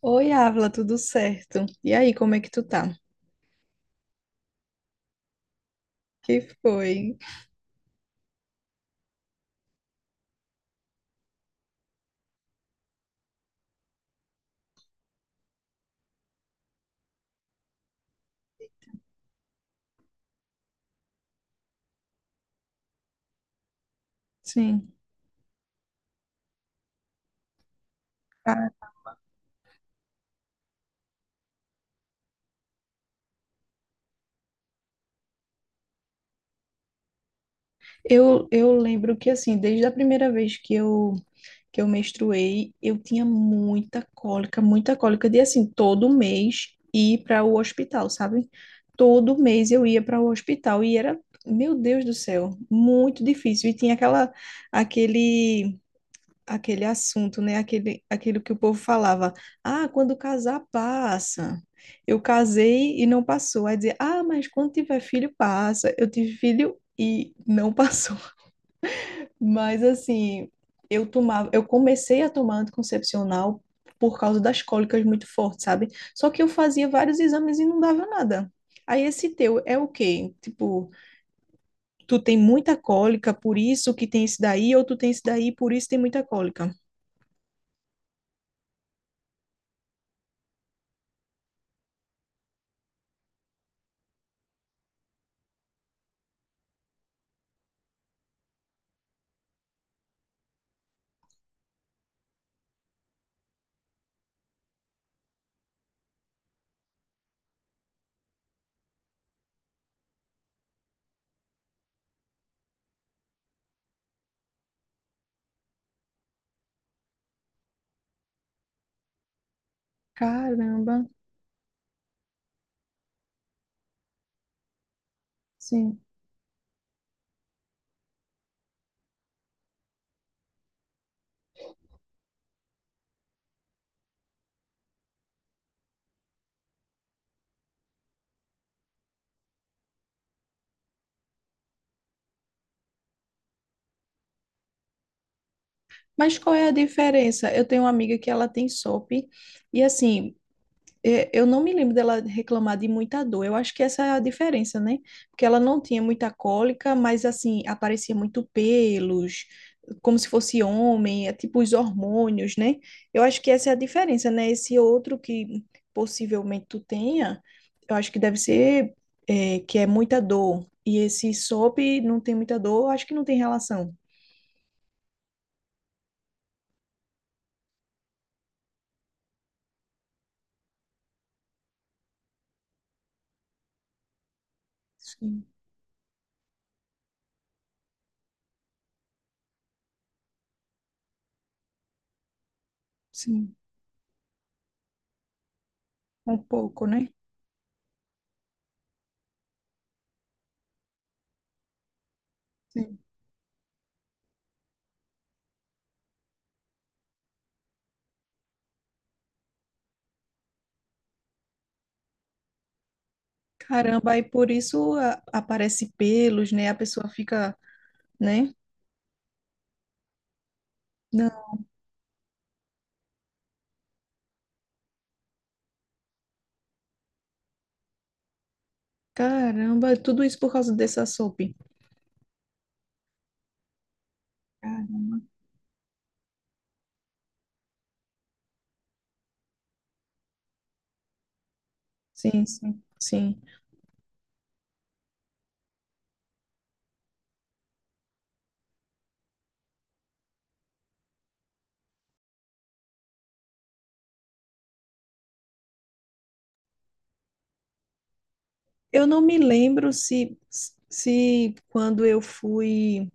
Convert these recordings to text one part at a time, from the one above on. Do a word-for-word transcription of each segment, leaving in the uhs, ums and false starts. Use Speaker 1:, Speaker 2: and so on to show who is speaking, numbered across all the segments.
Speaker 1: Oi, Ávila, tudo certo? E aí, como é que tu tá? Que foi? Sim. Ah, eu, eu lembro que, assim, desde a primeira vez que eu, que eu menstruei, eu tinha muita cólica, muita cólica de, assim, todo mês ir para o hospital, sabe? Todo mês eu ia para o hospital e era, meu Deus do céu, muito difícil. E tinha aquela, aquele aquele assunto, né? Aquele, aquilo que o povo falava. Ah, quando casar, passa. Eu casei e não passou. Aí dizer, ah, mas quando tiver filho, passa. Eu tive filho e não passou. Mas assim, eu tomava, eu comecei a tomar anticoncepcional por causa das cólicas muito fortes, sabe? Só que eu fazia vários exames e não dava nada. Aí esse teu é o quê? Tipo, tu tem muita cólica, por isso que tem esse daí, ou tu tem esse daí, por isso tem muita cólica. Caramba, sim. Mas qual é a diferença? Eu tenho uma amiga que ela tem S O P e assim, é, eu não me lembro dela reclamar de muita dor. Eu acho que essa é a diferença, né? Porque ela não tinha muita cólica, mas assim, aparecia muito pelos, como se fosse homem, é tipo os hormônios, né? Eu acho que essa é a diferença, né? Esse outro que possivelmente tu tenha, eu acho que deve ser, é, que é muita dor. E esse S O P não tem muita dor, eu acho que não tem relação. Sim, sim, um pouco, né? Caramba, aí por isso a- aparece pelos, né? A pessoa fica, né? Não, caramba, tudo isso por causa dessa sopa. Ah, sim, sim, sim. Eu não me lembro se, se quando eu fui.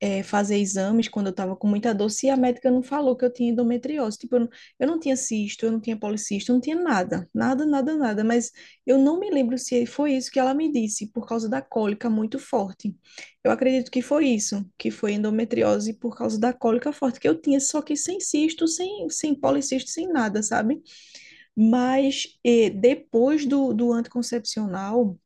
Speaker 1: é, Fazer exames quando eu estava com muita dor, se a médica não falou que eu tinha endometriose. Tipo, eu não, eu não tinha cisto, eu não tinha policisto, eu não tinha nada, nada, nada, nada. Mas eu não me lembro se foi isso que ela me disse, por causa da cólica muito forte. Eu acredito que foi isso, que foi endometriose por causa da cólica forte que eu tinha, só que sem cisto, sem, sem policisto, sem nada, sabe? Mas eh, depois do, do anticoncepcional,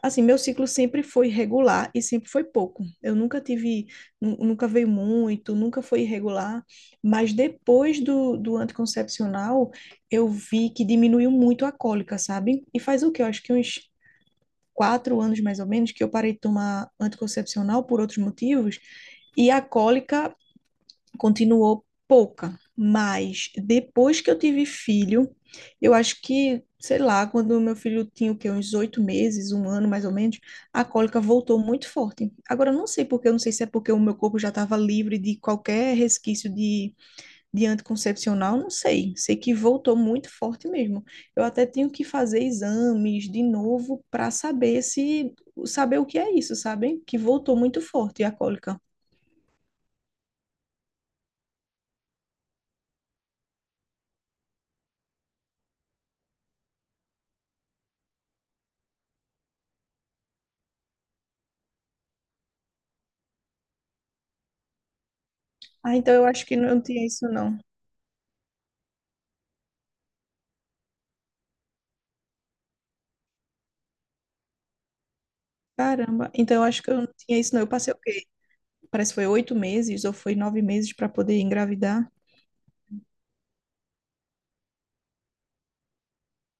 Speaker 1: assim, meu ciclo sempre foi regular e sempre foi pouco. Eu nunca tive, nu- nunca veio muito, nunca foi irregular, mas depois do, do anticoncepcional, eu vi que diminuiu muito a cólica, sabe? E faz o quê? Eu acho que uns quatro anos mais ou menos que eu parei de tomar anticoncepcional por outros motivos, e a cólica continuou pouca, mas depois que eu tive filho, eu acho que, sei lá, quando meu filho tinha o quê, uns oito meses, um ano mais ou menos, a cólica voltou muito forte. Agora, eu não sei porque, eu não sei se é porque o meu corpo já estava livre de qualquer resquício de, de anticoncepcional, não sei. Sei que voltou muito forte mesmo. Eu até tenho que fazer exames de novo para saber se, saber o que é isso, sabem? Que voltou muito forte a cólica. Ah, então eu acho que não tinha isso, não. Caramba, então eu acho que eu não tinha isso, não. Eu passei o quê? Parece que foi oito meses ou foi nove meses para poder engravidar.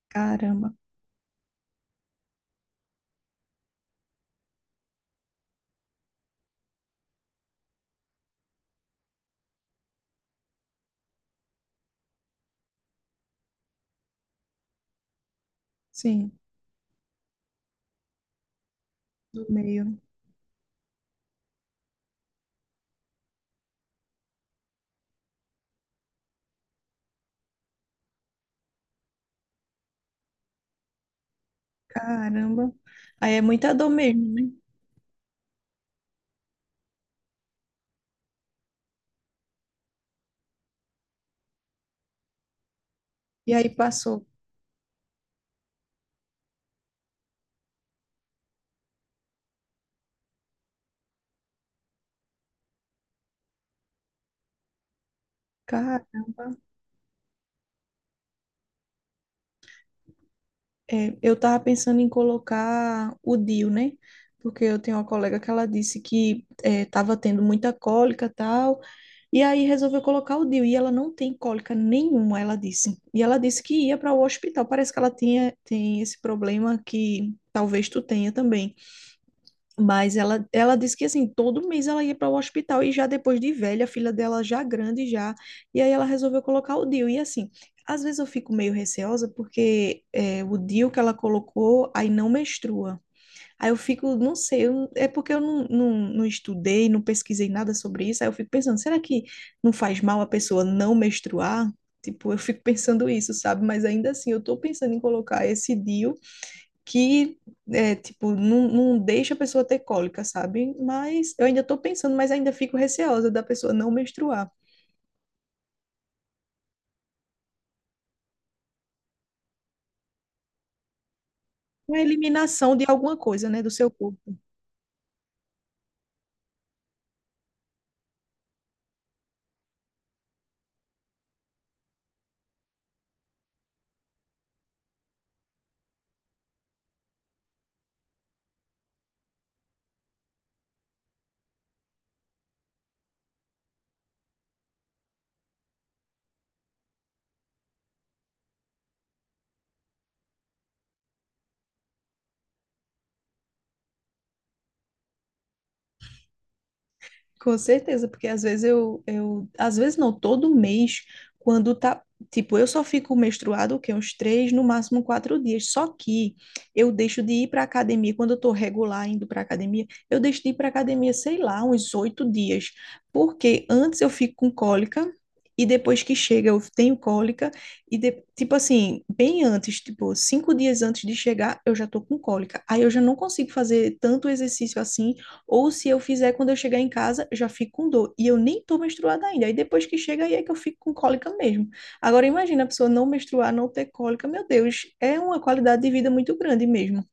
Speaker 1: Caramba, sim, do meio. Caramba. Aí é muita dor mesmo, né? E aí passou. Caramba. É, eu tava pensando em colocar o D I U, né? Porque eu tenho uma colega que ela disse que é, tava tendo muita cólica e tal, e aí resolveu colocar o D I U, e ela não tem cólica nenhuma, ela disse. E ela disse que ia para o hospital, parece que ela tinha, tem esse problema que talvez tu tenha também. Mas ela, ela disse que assim, todo mês ela ia para o hospital e já depois de velha, a filha dela já grande já, e aí ela resolveu colocar o D I U. E assim, às vezes eu fico meio receosa porque é, o D I U que ela colocou aí não menstrua. Aí eu fico, não sei, eu- é porque eu não, não, não estudei, não pesquisei nada sobre isso, aí eu fico pensando, será que não faz mal a pessoa não menstruar? Tipo, eu fico pensando isso, sabe? Mas ainda assim, eu tô pensando em colocar esse D I U que é, tipo, não, não deixa a pessoa ter cólica, sabe? Mas eu ainda tô pensando, mas ainda fico receosa da pessoa não menstruar. Uma eliminação de alguma coisa, né, do seu corpo. Com certeza, porque às vezes eu, eu, às vezes não, todo mês, quando tá, tipo, eu só fico menstruada, o quê? Uns três, no máximo quatro dias. Só que eu deixo de ir para academia, quando eu tô regular indo para academia, eu deixo de ir para academia, sei lá, uns oito dias. Porque antes eu fico com cólica, e depois que chega eu tenho cólica, e de- tipo assim, bem antes, tipo, cinco dias antes de chegar, eu já tô com cólica. Aí eu já não consigo fazer tanto exercício assim ou se eu fizer quando eu chegar em casa, já fico com dor. E eu nem tô menstruada ainda. Aí depois que chega, aí é que eu fico com cólica mesmo. Agora imagina a pessoa não menstruar, não ter cólica. Meu Deus, é uma qualidade de vida muito grande mesmo.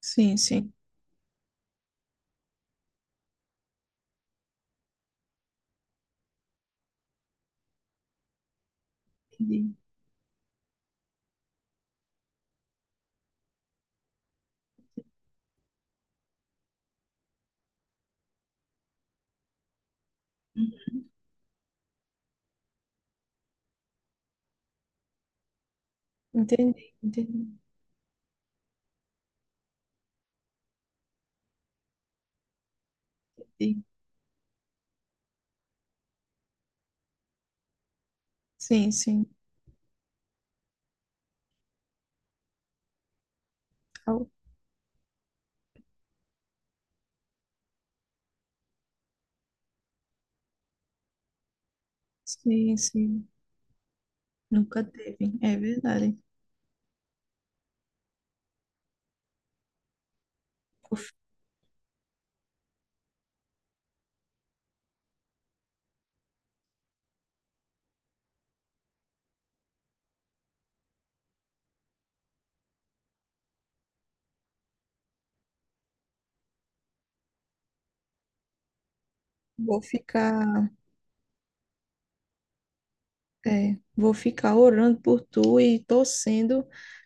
Speaker 1: Sim, sim. Entendi. Entendi, entendi. Entendi. Sim, sim. Au- Sim, sim. Nunca teve. É verdade. Vou fi- Vou ficar. É, vou ficar orando por tu e torcendo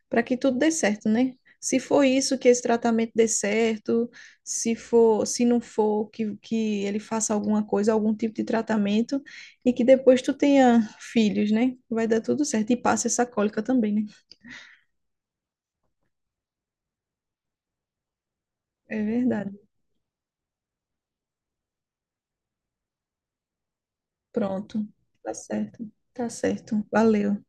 Speaker 1: para que tudo dê certo, né? Se for isso que esse tratamento dê certo, se for, se não for, que, que ele faça alguma coisa, algum tipo de tratamento, e que depois tu tenha filhos, né? Vai dar tudo certo. E passa essa cólica também, né? É verdade. Pronto. Tá certo. Tá certo. Valeu.